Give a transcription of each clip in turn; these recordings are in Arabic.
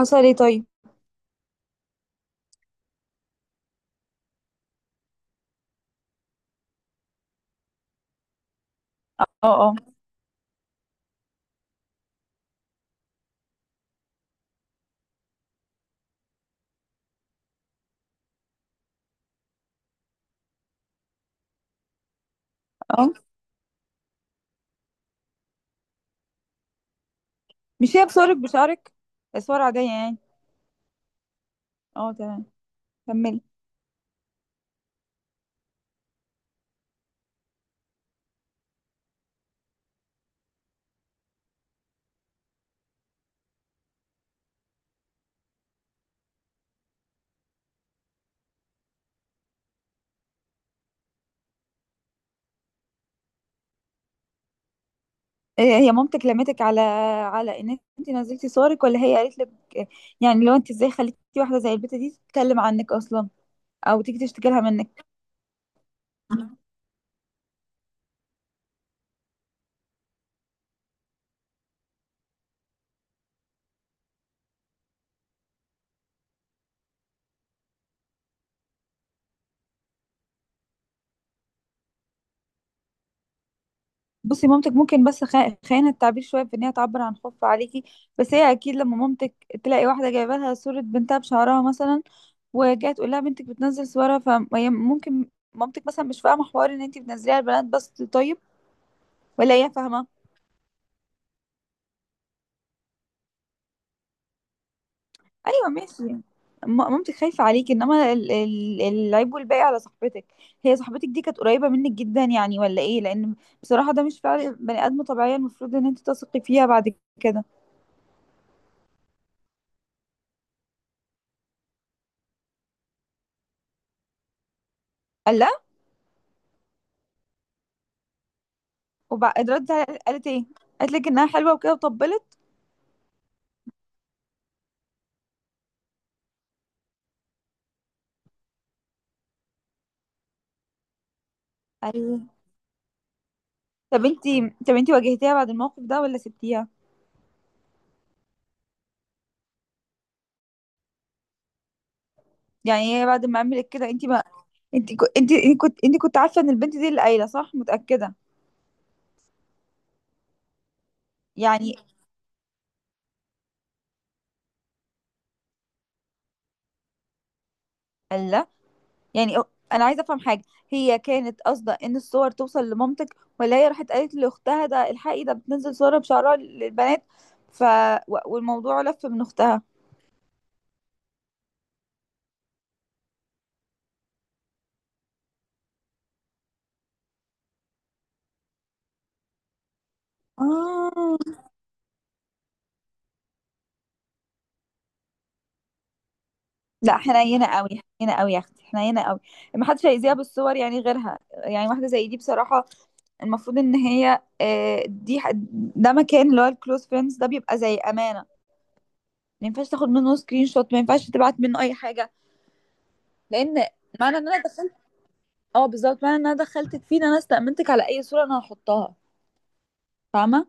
حصل ايه طيب؟ اه اه اه. مش هي بصورك بشعرك؟ صور عادية يعني؟ اه، تمام. كملي. إيه هي مامتك لمتك على ان انت نزلتي صورك ولا هي قالت لك؟ يعني لو انت ازاي خليتي واحدة زي البت دي تتكلم عنك اصلا، او تيجي تشتكي لها منك؟ بصي، مامتك ممكن بس خيانة التعبير شوية في ان هي تعبر عن خوفها عليكي. بس هي اكيد لما مامتك تلاقي واحدة جايبه لها صورة بنتها بشعرها مثلا، وجايه تقول لها بنتك بتنزل صورها، فممكن مامتك مثلا مش فاهمة حوار ان انت بتنزليها البنات بس. طيب، ولا هي فاهمة؟ أيوة، ماشي. مامتك خايفة عليك، إنما العيب والباقي على صاحبتك. هي صاحبتك دي كانت قريبة منك جدا يعني، ولا إيه؟ لأن بصراحة ده مش فعل بني آدم طبيعية، المفروض إن أنت تثقي فيها بعد كده. قال لا. وبعد قالت إيه؟ قالت لك إنها حلوة وكده وطبلت. قال، طب أنت طب أنت واجهتيها بعد الموقف ده ولا سبتيها؟ يعني هي بعد ما عملت كده أنت ما أنت كنت عارفة إن البنت دي اللي قايلة، صح؟ متأكدة؟ يعني قال لا. يعني انا عايزه افهم حاجه. هي كانت قاصده ان الصور توصل لمامتك، ولا هي راحت قالت لاختها، ده الحقي ده بتنزل صورها بشعرها للبنات؟ ف والموضوع لف من اختها؟ آه. لا، حنينه قوي. حنينه قوي يا اختي، حنينه قوي. ما حدش هيذيها بالصور، يعني غيرها، يعني واحده زي دي بصراحه. المفروض ان هي آه، دي ح- ده مكان اللي هو الكلوز فريندز ده بيبقى زي امانه. ما ينفعش تاخد منه سكرين شوت، ما ينفعش تبعت منه اي حاجه. لان معنى ان انا دخلت معنى ان انا دخلتك فيه، إن انا استأمنتك على اي صورة انا هحطها. فاهمة؟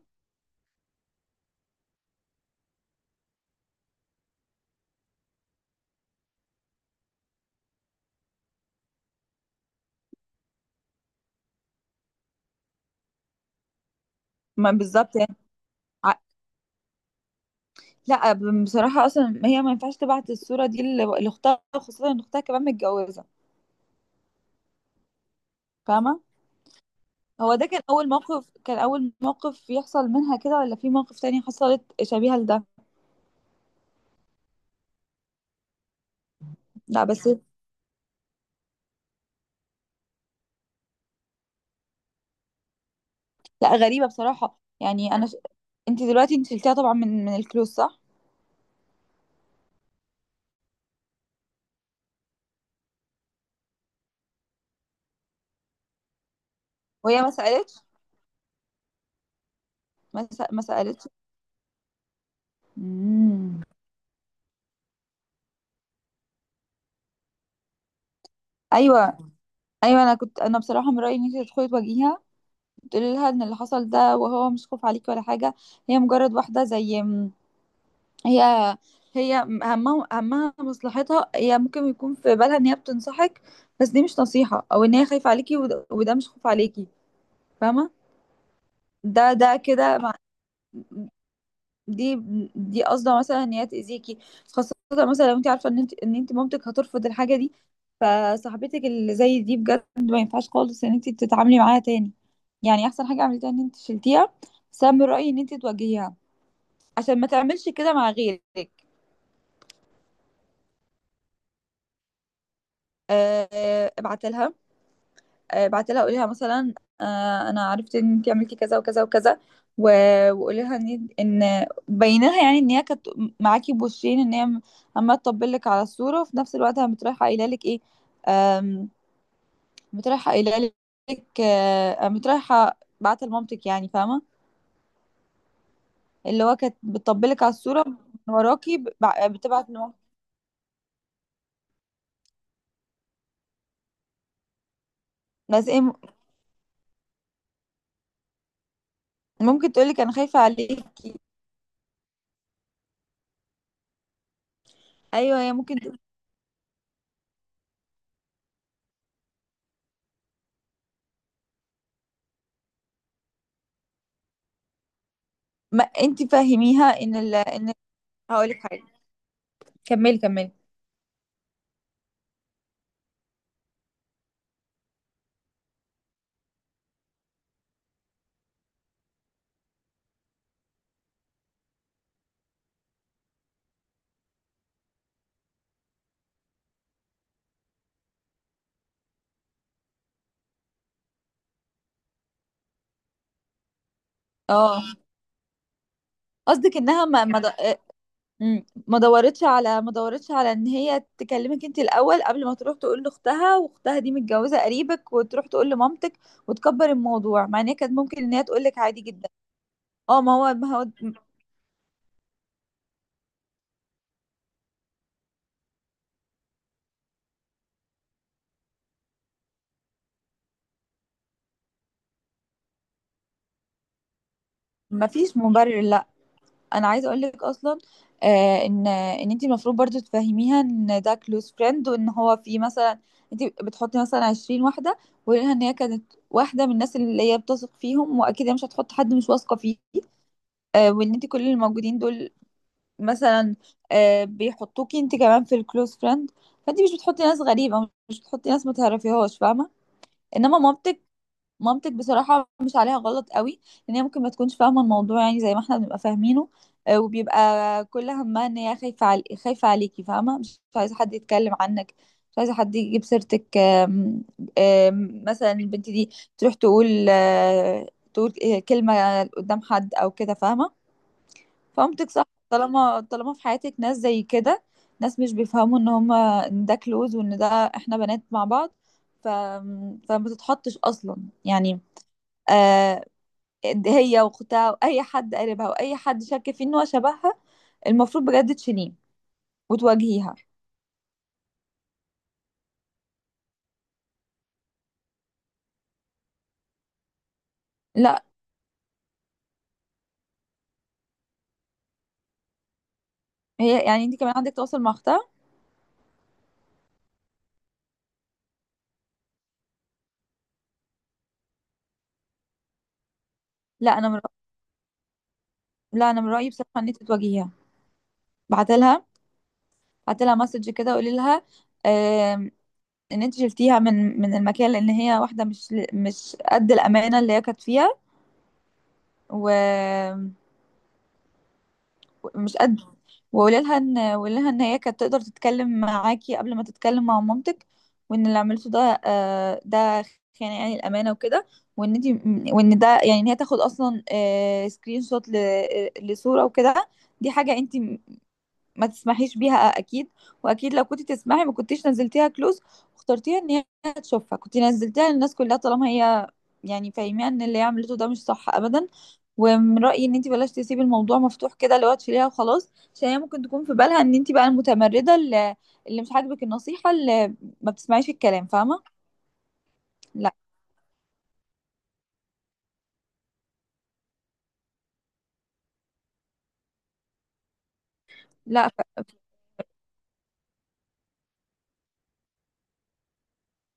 ما بالظبط يعني. ع- لا، بصراحة اصلا هي ما ينفعش تبعت الصورة دي لاختها، خاصة ان اختها كمان متجوزة. فاهمة؟ هو ده كان اول موقف يحصل منها كده، ولا في موقف تاني حصلت شبيهة لده؟ لا، بس. لا، غريبة بصراحة، يعني انت دلوقتي، انت شلتيها طبعا من الكلوز، صح؟ وهي ما سألتش؟ ما, سأ- ما سألتش مم. ايوه، ايوه. انا بصراحه من رايي ان انت تدخلي تواجهيها، تقولي لها ان اللي حصل ده، وهو مش خوف عليكي ولا حاجه. هي مجرد واحده هي همها مصلحتها. هي ممكن يكون في بالها ان هي بتنصحك، بس دي مش نصيحه، او ان هي خايفه عليكي، وده مش خوف عليكي. فاهمه؟ ده كده. مع- دي دي قصده مثلا ان هي تاذيكي، خاصه مثلا لو انت عارفه ان انت مامتك هترفض الحاجه دي. فصاحبتك اللي زي دي بجد ما ينفعش خالص ان انت تتعاملي معاها تاني. يعني احسن حاجه عملتيها ان انت شلتيها. بس انا من رايي ان انت تواجهيها عشان ما تعملش كده مع غيرك. أه، ابعتلها. بعت لها، قولي لها مثلا، انا عرفت ان انت عملتي كذا وكذا وكذا. و... وقولي لها ان ان بيني لها، يعني ان هي كانت معاكي بوشين، ان هي عماله تطبل لك على الصوره، وفي نفس الوقت قامت رايحه قايله لك ايه. آم، قامت رايحه قايله لك، قامت رايحه بعت لمامتك يعني. فاهمه؟ اللي هو كانت بتطبل لك على الصوره من وراكي، بتبعت لمامتك. بس ايه؟ ممكن تقول لك انا خايفه عليكي. ايوه، هي ممكن ما انت فهميها ان ان هقول لك حاجه. كملي، كملي. اه، قصدك انها ما ما د- آه، مم. ما دورتش على ما دورتش على ان هي تكلمك انت الاول، قبل ما تروح تقول لاختها، واختها دي متجوزه قريبك، وتروح تقول لمامتك وتكبر الموضوع، مع ان هي كانت ممكن ان هي تقول لك عادي جدا. اه، ما هو ما فيش مبرر، لا. انا عايزه اقول لك اصلا، ان انت المفروض برضو تفهميها ان ده كلوز فريند، وان هو في مثلا انت بتحطي مثلا 20 واحده. وقولي لها ان هي كانت واحده من الناس اللي هي بتثق فيهم، واكيد هي مش هتحط حد مش واثقه فيه. وان انت كل اللي موجودين دول مثلا بيحطوكي انت كمان في الكلوز فريند. فانت مش بتحطي ناس غريبه، مش بتحطي ناس ما تعرفيهاش. فاهمه؟ انما مامتك بصراحه مش عليها غلط قوي. ان هي ممكن ما تكونش فاهمه الموضوع يعني زي ما احنا بنبقى فاهمينه. وبيبقى كل همها ان هي خايفه عليكي. فاهمه؟ مش عايزه حد يتكلم عنك، مش عايزه حد يجيب سيرتك. مثلا البنت دي تروح تقول، تقول، كلمه قدام حد او كده. فاهمه؟ فهمتك صح؟ طالما في حياتك ناس زي كده، ناس مش بيفهموا ان هما، ان ده كلوز، وان ده احنا بنات مع بعض، ف... فما تتحطش اصلا. يعني آه هي واختها واي حد قريبها واي حد شك فيه ان هو شبهها، المفروض بجد تشيليه وتواجهيها. لا، هي يعني انت كمان عندك تواصل مع اختها؟ لا انا من رأ- لا انا من رايي بصراحه ان انت تواجهيها. بعتلها بعتلها مسج كده، وقولي لها ان انت شلتيها من المكان، لان هي واحده مش قد الامانه اللي هي كانت فيها. ومش قد وقولي لها ان هي كانت تقدر تتكلم معاكي قبل ما تتكلم مع مامتك. وان اللي عملته ده خيانه يعني الامانه وكده. وان انت وان ده يعني ان هي تاخد اصلا سكرين شوت لصوره وكده، دي حاجه انت ما تسمحيش بيها اكيد. واكيد لو كنت تسمحي ما كنتيش نزلتيها كلوز واخترتيها ان هي تشوفها، كنت نزلتيها للناس كلها. طالما هي يعني، فاهمه ان اللي هي عملته ده مش صح ابدا. ومن رايي ان انت بلاش تسيبي الموضوع مفتوح كده، اللي هو تشيليها وخلاص، عشان هي ممكن تكون في بالها ان انت بقى المتمرده اللي مش عاجبك النصيحه، اللي ما بتسمعيش الكلام. فاهمه؟ لا، لا.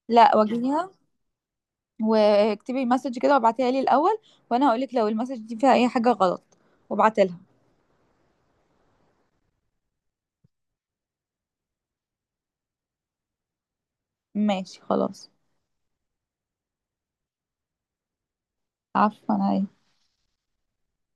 لا، واجهيها، واكتبي مسج كده، وابعتيها لي الاول، وانا هقولك لو المسج دي فيها اي حاجه غلط، وابعتلها. ماشي، خلاص. عفوا.